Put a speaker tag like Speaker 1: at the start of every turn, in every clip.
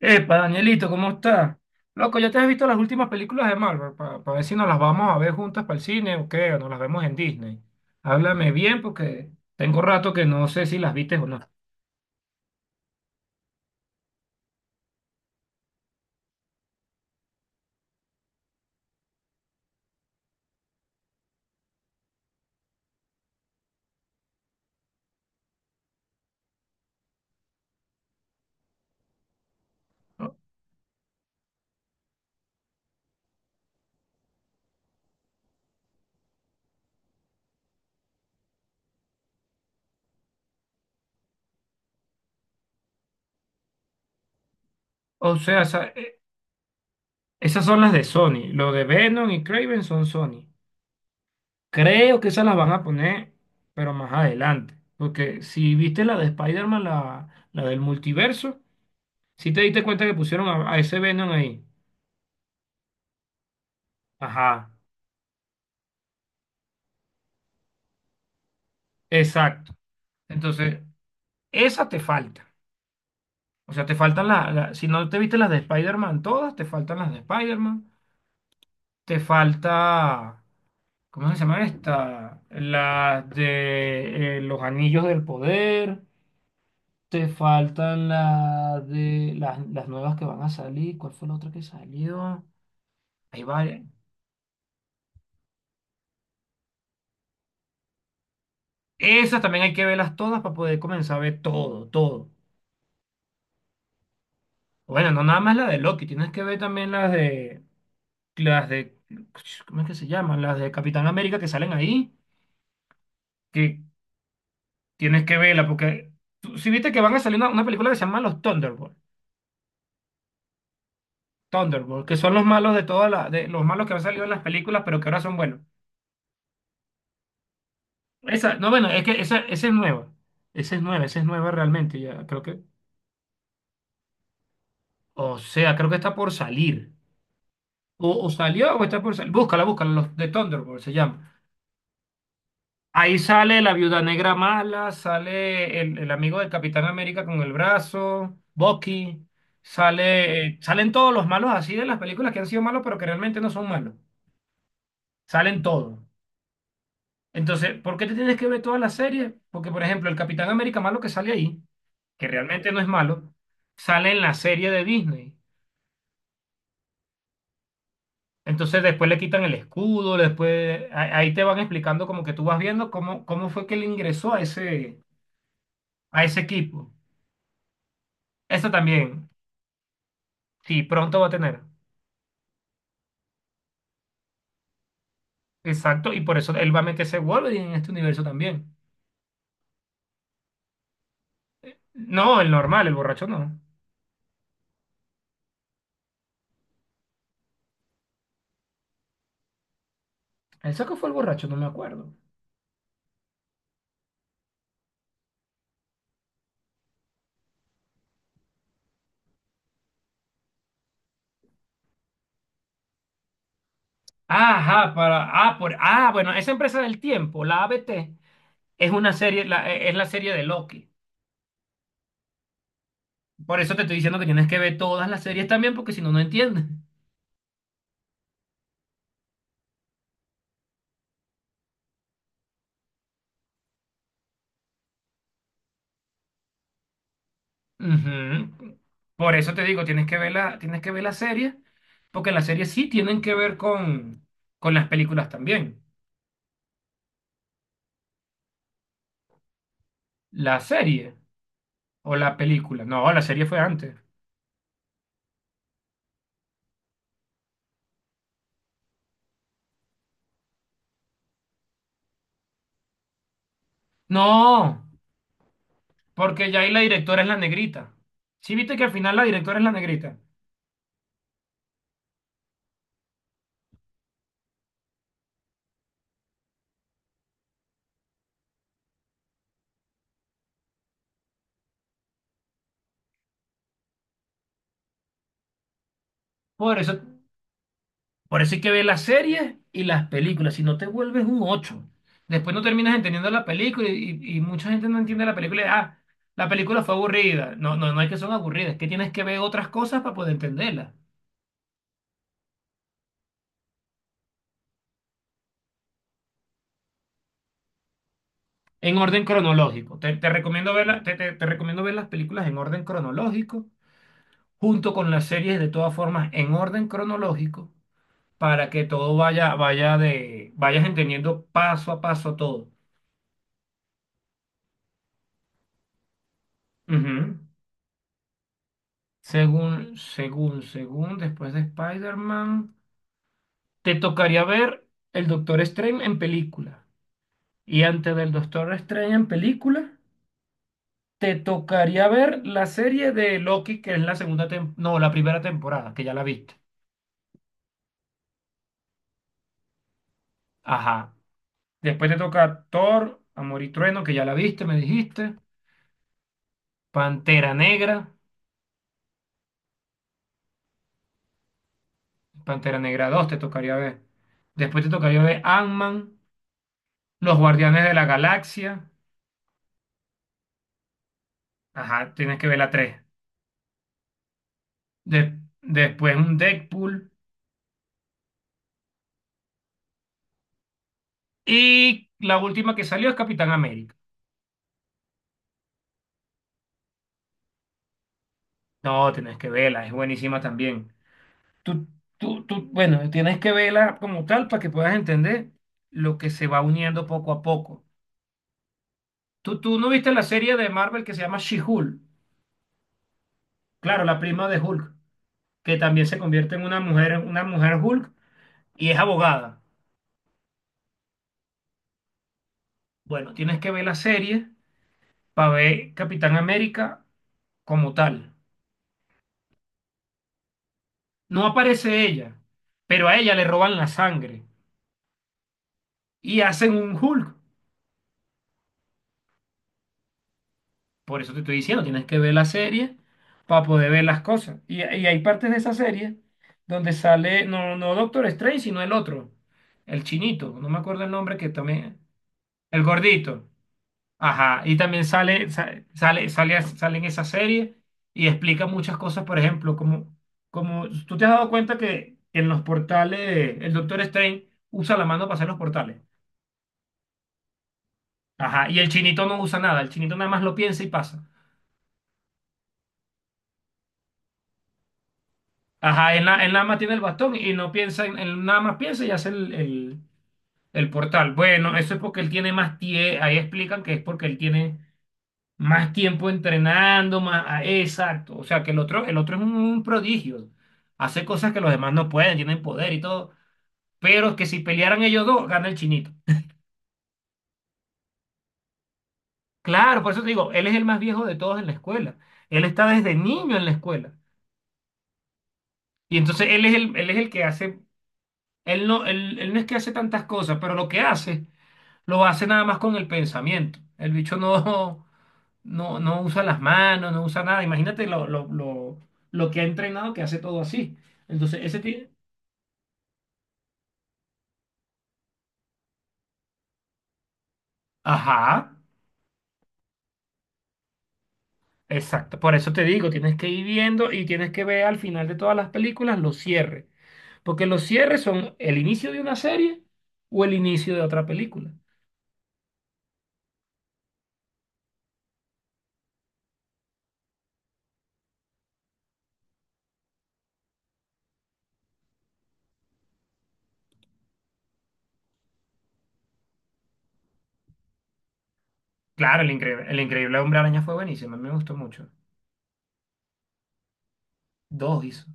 Speaker 1: Epa, Danielito, ¿cómo estás? Loco, ¿ya te has visto las últimas películas de Marvel? Para ver si nos las vamos a ver juntas para el cine o qué, o nos las vemos en Disney. Háblame bien porque tengo rato que no sé si las viste o no. O o sea, esas son las de Sony. Lo de Venom y Craven son Sony. Creo que esas las van a poner, pero más adelante. Porque si viste la de Spider-Man, la del multiverso, si te diste cuenta que pusieron a ese Venom ahí. Ajá, exacto. Entonces, esa te falta. O sea, te faltan si no te viste las de Spider-Man todas, te faltan las de Spider-Man. Te falta, ¿cómo se llama esta? Las de los Anillos del Poder. Te faltan las de las nuevas que van a salir. ¿Cuál fue la otra que salió? Hay varias. Esas también hay que verlas todas para poder comenzar a ver todo, todo. Bueno, no nada más la de Loki, tienes que ver también las de las de ¿cómo es que se llaman? Las de Capitán América que salen ahí que Tienes que verla porque tú- si viste que van a salir una película que se llama Los Thunderbolts, Thunderbolts, que son los malos de todas las de los malos que han salido en las películas, pero que ahora son buenos. Esa, no, bueno, es que esa es nueva. Esa es nueva, esa es nueva realmente, ya creo que. O sea, creo que está por salir. O salió o está por salir. Búscala, búscala, los de Thunderbolts se llama. Ahí sale la Viuda Negra mala, sale el amigo del Capitán América con el brazo, Bucky, sale, salen todos los malos así de las películas que han sido malos, pero que realmente no son malos. Salen todos. Entonces, ¿por qué te tienes que ver todas las series? Porque, por ejemplo, el Capitán América malo que sale ahí, que realmente no es malo, sale en la serie de Disney. Entonces después le quitan el escudo, ahí te van explicando como que tú vas viendo cómo, cómo fue que él ingresó a ese equipo. Eso también, sí, pronto va a tener. Exacto, y por eso él va a meterse Wolverine en este universo también. No, el normal, el borracho no. ¿El saco fue el borracho? No me acuerdo. Ajá, para, ah, por, ah, bueno, esa empresa del tiempo, la ABT, es una serie, es la serie de Loki. Por eso te estoy diciendo que tienes que ver todas las series también, porque si no, no entiendes. Ujú. Por eso te digo, tienes que ver la, tienes que ver la serie, porque las series sí tienen que ver con las películas también. La serie o la película. No, la serie fue antes. No, porque ya ahí la directora es la negrita. Sí, viste que al final la directora es la negrita. Por eso. Por eso hay que ver las series y las películas, si no te vuelves un ocho. Después no terminas entendiendo la película y mucha gente no entiende la película. La película fue aburrida. No, no, no es que son aburridas, es que tienes que ver otras cosas para poder entenderlas. En orden cronológico. Te recomiendo ver te recomiendo ver las películas en orden cronológico, junto con las series de todas formas en orden cronológico, para que todo vaya, vaya de, vayas entendiendo paso a paso todo. Ujú. Según, según, según, después de Spider-Man, te tocaría ver el Doctor Strange en película. Y antes del Doctor Strange en película, te tocaría ver la serie de Loki, que es la no, la primera temporada, que ya la viste. Ajá. Después te toca Thor, Amor y Trueno, que ya la viste, me dijiste. Pantera Negra, Pantera Negra 2 te tocaría ver. Después te tocaría ver Ant-Man, Los Guardianes de la Galaxia. Ajá, tienes que ver la 3 de- después un Deadpool. Y la última que salió es Capitán América. No, tienes que verla, es buenísima también. Tú, tú, bueno, tienes que verla como tal para que puedas entender lo que se va uniendo poco a poco. ¿Tú no viste la serie de Marvel que se llama She-Hulk? Claro, la prima de Hulk, que también se convierte en una mujer Hulk y es abogada. Bueno, tienes que ver la serie para ver Capitán América como tal. No aparece ella, pero a ella le roban la sangre y hacen un Hulk. Por eso te estoy diciendo, tienes que ver la serie para poder ver las cosas. Y hay partes de esa serie donde sale, no, no Doctor Strange, sino el otro, el chinito, no me acuerdo el nombre que también, el gordito. Ajá, y también sale, sale en esa serie y explica muchas cosas, por ejemplo, como, como tú te has dado cuenta que en los portales el Doctor Strange usa la mano para hacer los portales. Ajá, y el chinito no usa nada, el chinito nada más lo piensa y pasa. Ajá, él, él nada más tiene el bastón y no piensa, en- él nada más piensa y hace el portal. Bueno, eso es porque él tiene más tiempo, ahí explican que es porque él tiene más tiempo entrenando, más, ah, exacto, o sea que el otro es un prodigio, hace cosas que los demás no pueden, tienen poder y todo, pero que si pelearan ellos dos, gana el chinito. Claro, por eso te digo, él es el más viejo de todos en la escuela, él está desde niño en la escuela. Y entonces él es el que hace Él no, él no es que hace tantas cosas, pero lo que hace, lo hace nada más con el pensamiento. El bicho no, no usa las manos, no usa nada. Imagínate lo que ha entrenado que hace todo así. Entonces, ese tiene... Ajá, exacto. Por eso te digo, tienes que ir viendo y tienes que ver al final de todas las películas los cierres. Porque los cierres son el inicio de una serie o el inicio de otra película. Claro, el increíble Hombre Araña fue buenísimo, a mí me gustó mucho. Dos hizo.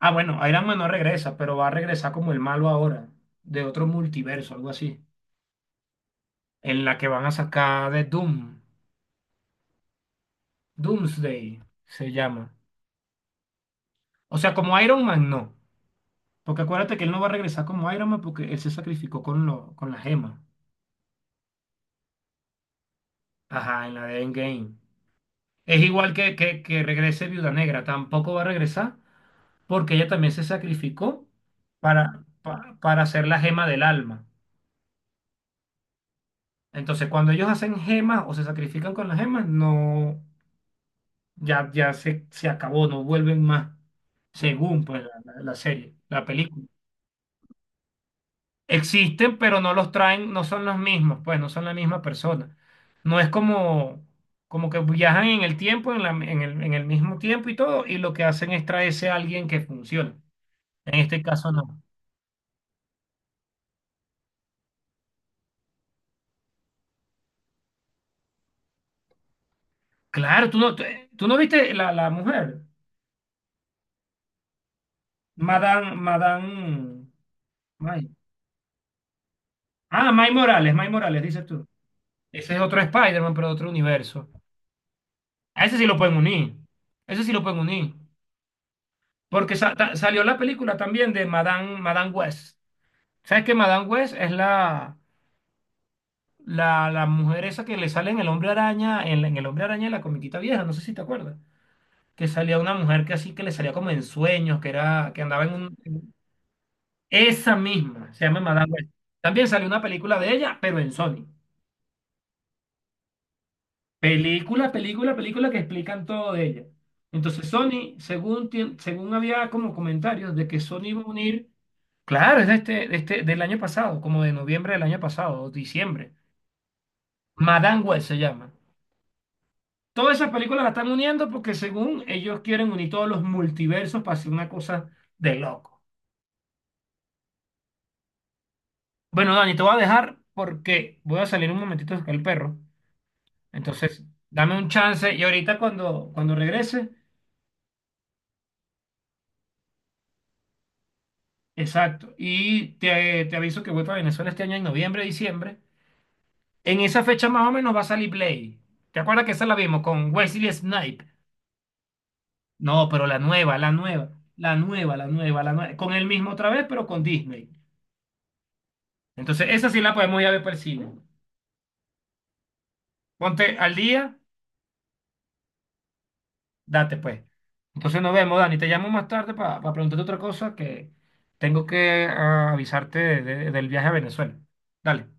Speaker 1: Ah, bueno, Iron Man no regresa, pero va a regresar como el malo ahora, de otro multiverso, algo así, en la que van a sacar de Doom. Doomsday se llama. O sea, como Iron Man no, porque acuérdate que él no va a regresar como Iron Man porque él se sacrificó con, lo, con la gema. Ajá, en la de Endgame. Es igual que, que regrese Viuda Negra, tampoco va a regresar porque ella también se sacrificó para, para hacer la gema del alma. Entonces, cuando ellos hacen gemas o se sacrifican con las gemas, no. Ya, se acabó, no vuelven más, según pues la, la serie, la película. Existen, pero no los traen, no son los mismos, pues no son la misma persona. No es como, como que viajan en el tiempo, en el mismo tiempo y todo, y lo que hacen es traerse a alguien que funcione. En este caso no. Claro, tú no, tú, tú no viste la, la mujer, Madame May. Ah, May Morales, May Morales, dices tú. Ese es otro Spider-Man, pero de otro universo. A ese sí lo pueden unir. Ese sí lo pueden unir. Porque salió la película también de Madame West. ¿Sabes que Madame West es la, la mujer esa que le sale en el Hombre Araña, en el Hombre Araña de la comiquita vieja? No sé si te acuerdas. Que salía una mujer que así que le salía como en sueños, que era, que andaba en un. En- Esa misma, se llama Madame West. También salió una película de ella, pero en Sony. Película, película, película que explican todo de ella. Entonces Sony, según, según había como comentarios de que Sony iba a unir Claro, es de este, del año pasado, como de noviembre del año pasado, o diciembre. Madame Web se llama. Todas esas películas las están uniendo porque según ellos quieren unir todos los multiversos para hacer una cosa de loco. Bueno, Dani, te voy a dejar porque voy a salir un momentito con el perro. Entonces, dame un chance y ahorita cuando, cuando regrese, exacto. Y te aviso que voy para Venezuela este año en noviembre, diciembre. En esa fecha más o menos va a salir Blade. ¿Te acuerdas que esa la vimos con Wesley Snipes? No, pero la nueva, la nueva, la nueva, la nueva, la nueva. Con el mismo otra vez, pero con Disney. Entonces, esa sí la podemos ir a ver para el cine. Ponte al día, date pues. Entonces nos vemos, Dani. Te llamo más tarde para preguntarte otra cosa que tengo que avisarte del viaje a Venezuela. Dale.